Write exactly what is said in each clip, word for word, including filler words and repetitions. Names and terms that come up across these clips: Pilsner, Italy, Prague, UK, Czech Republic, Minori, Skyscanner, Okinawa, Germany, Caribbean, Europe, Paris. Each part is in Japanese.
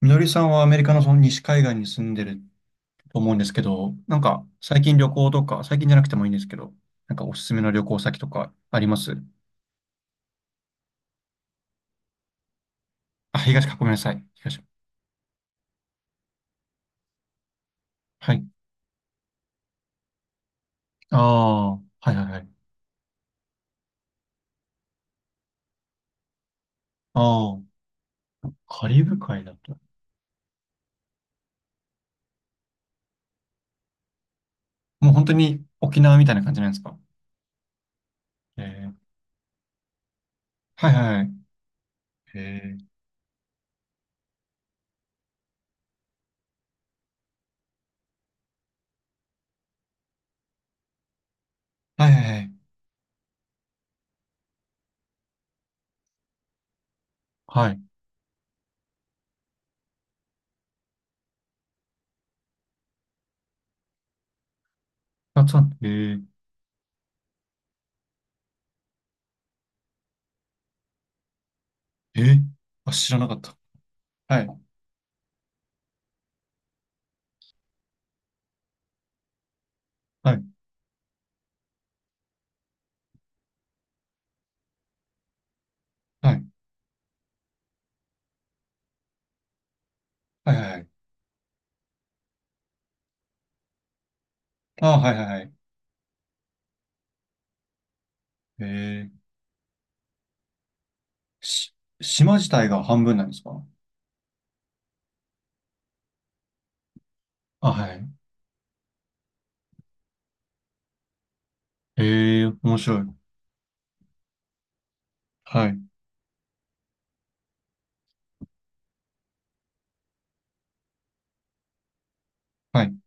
みのりさんはアメリカのその西海岸に住んでると思うんですけど、なんか最近旅行とか、最近じゃなくてもいいんですけど、なんかおすすめの旅行先とかあります？あ、東か、ごめんなさい。東。はい。ああ、はいはいはい。ああ、カリブ海だと。もう本当に沖縄みたいな感じなんですか？えー、はいはいはい。えー、はいはいはい。はい。あ、そうなんだ、え、ええー、あ、知らなかった。はい。はい。はい。はいはいはい。ああ、はいはいはい。ええ、し、島自体が半分なんですか？あ、はい。ええ、面白い。はい。はい。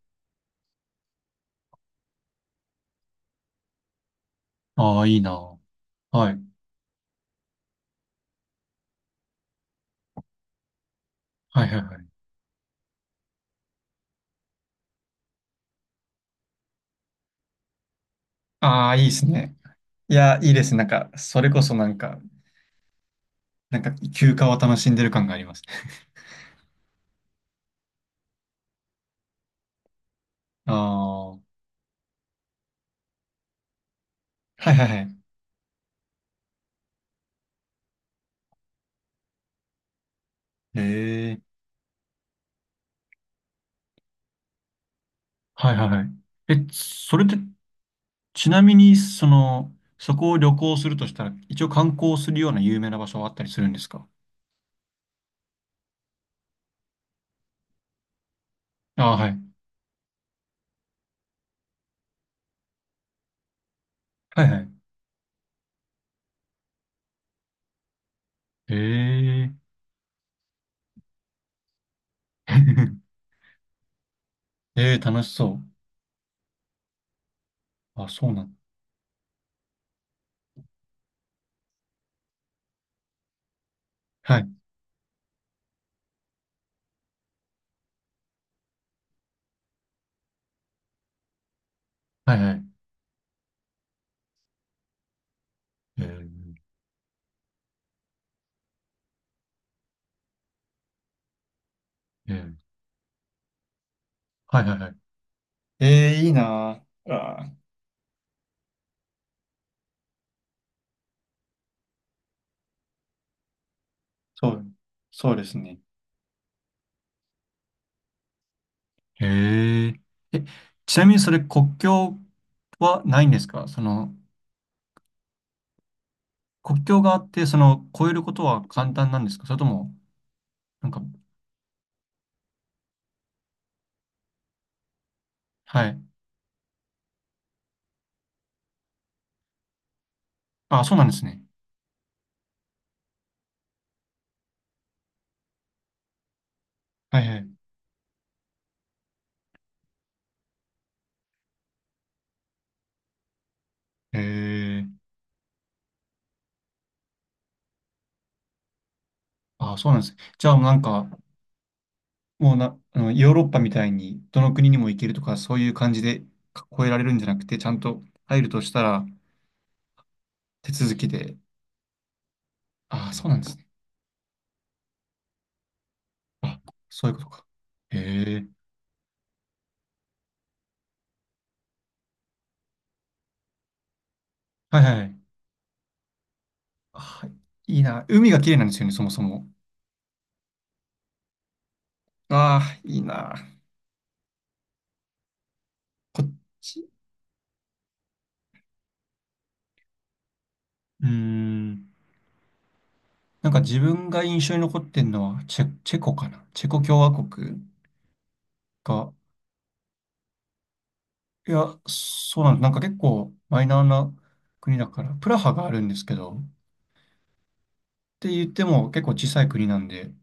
ああ、いいな。はい。はい、はい、はい。ああ、いいですね。いや、いいですね。なんか、それこそなんか、なんか、休暇を楽しんでる感があります。ああ、はい、はい、はい。ええ、はい、はい、はい。え、それで、ちなみに、その、そこを旅行するとしたら、一応観光するような有名な場所はあったりするんですか？ああ、はい。はい、はい。ええ、ええ、楽しそう。あ、そうなん。はい。はい、はい。ええ。ええ、はいはいはい。ええ、いいなぁ。あー、そう、そうですね。へえ。え、ちなみにそれ国境はないんですか、その、国境があって、その、越えることは簡単なんですか、それとも、なんか、はい。あ、そうなんですね。はいはい。へえ。あ、そうなんですね。じゃあもうなんか、もうな、あの、ヨーロッパみたいに、どの国にも行けるとか、そういう感じでか越えられるんじゃなくて、ちゃんと入るとしたら、手続きで。あ、そうなんですね。あ、そういうことか。へえ。はいはい。あ、いいな。海が綺麗なんですよね、そもそも。ああ、いいな。こっち。うーん。なんか自分が印象に残ってんのはチェ、チェコかな。チェコ共和国が。いや、そうなんです。なんか結構マイナーな国だから、プラハがあるんですけど、って言っても結構小さい国なんで、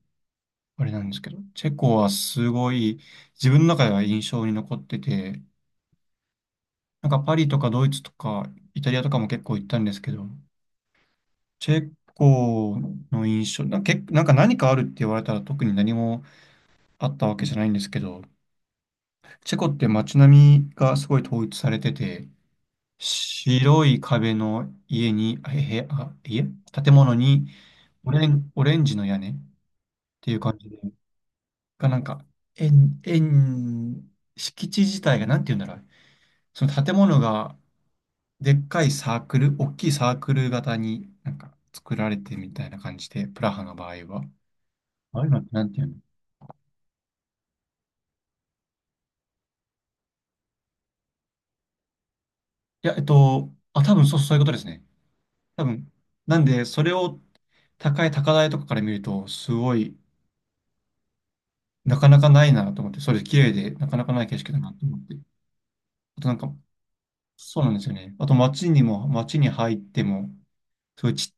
あれなんですけど、チェコはすごい自分の中では印象に残ってて、なんかパリとかドイツとかイタリアとかも結構行ったんですけど、チェコの印象、な、け、なんか何かあるって言われたら特に何もあったわけじゃないんですけど、チェコって街並みがすごい統一されてて、白い壁の家に、あ、へ、あ、家建物にオレン、オレンジの屋根っていう感じで、がなんか、円、円、敷地自体がなんて言うんだろう。その建物がでっかいサークル、大きいサークル型になんか作られてみたいな感じで、プラハの場合は。ああいうのってなんていうの？いや、えっと、あ、多分そう、そういうことですね。多分。なんで、それを高い高台とかから見ると、すごい、なかなかないなと思って、それ綺麗で、なかなかない景色だなと思って。あとなんか、そうなんですよね。あと街にも、街に入っても、すごいちっ、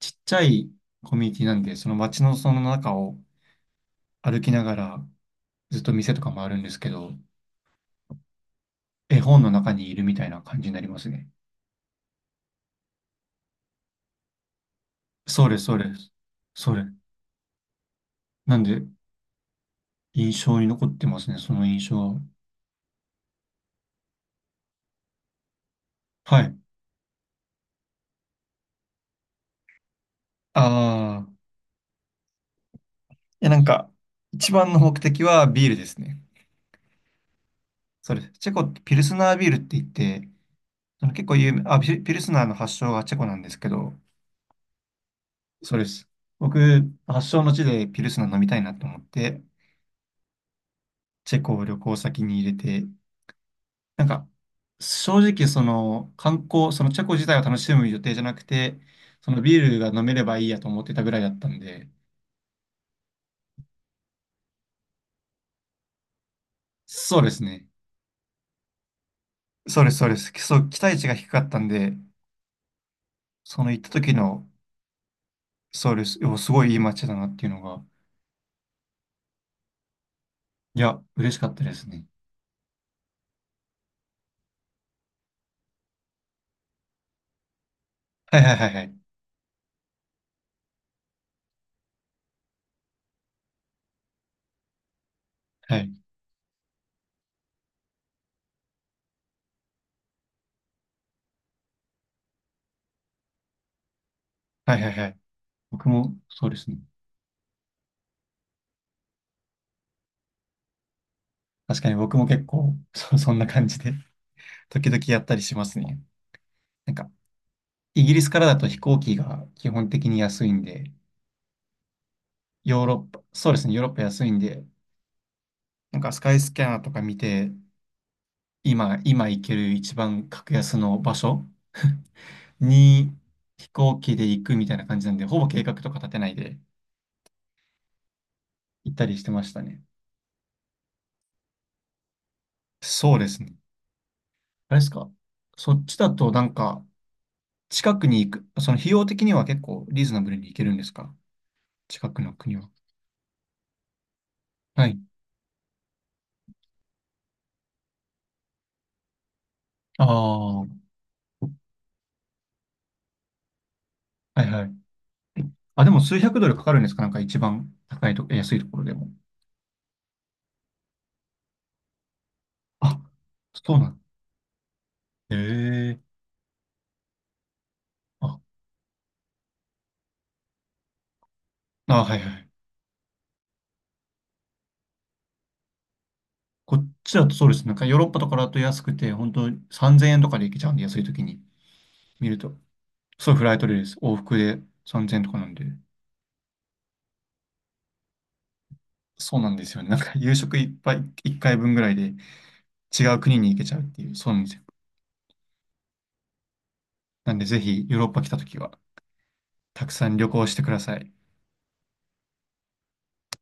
ちっちゃいコミュニティなんで、その街のその中を歩きながら、ずっと店とかもあるんですけど、絵本の中にいるみたいな感じになりますね。そうです、そうです。それ。なんで、印象に残ってますね、その印象は。はい。ああ、いやなんか、一番の目的はビールですね。そうです。チェコってピルスナービールって言って、その結構有名、あ、ピルピルスナーの発祥がチェコなんですけど、そうです。僕、発祥の地でピルスナー飲みたいなと思って、チェコを旅行先に入れて、なんか、正直その観光、そのチェコ自体を楽しむ予定じゃなくて、そのビールが飲めればいいやと思ってたぐらいだったんで、そうですね。そうです、そうです。そう、期待値が低かったんで、その行った時の、そうです。でもすごいいい街だなっていうのが、いや、嬉しかったですね。はいはいはいはい。はい。はいはいはい。僕も、そうですね。確かに僕も結構、そ、そんな感じで 時々やったりしますね。なんか、イギリスからだと飛行機が基本的に安いんで、ヨーロッパ、そうですね、ヨーロッパ安いんで、なんかスカイスキャナーとか見て、今、今行ける一番格安の場所 に飛行機で行くみたいな感じなんで、ほぼ計画とか立てないで行ったりしてましたね。そうですね。あれですか、そっちだとなんか、近くに行く、その費用的には結構リーズナブルに行けるんですか、近くの国は。はい。ああ、はいはい。あ、でも数百ドルかかるんですか、なんか一番高いと、安いところでも。あ、そうなんだ。へえ、あ、あ、はいはい。こっちだとそうです。なんかヨーロッパとかだと安くて、本当さんぜんえんとかで行けちゃうんで、安い時に見ると。そう、フライトでです。往復でさんぜんえんとかなんで。そうなんですよね。なんか夕食いっぱい、いっかいぶんぐらいで違う国に行けちゃうっていう、そうなんですよ。なんでぜひヨーロッパ来た時はたくさん旅行してください。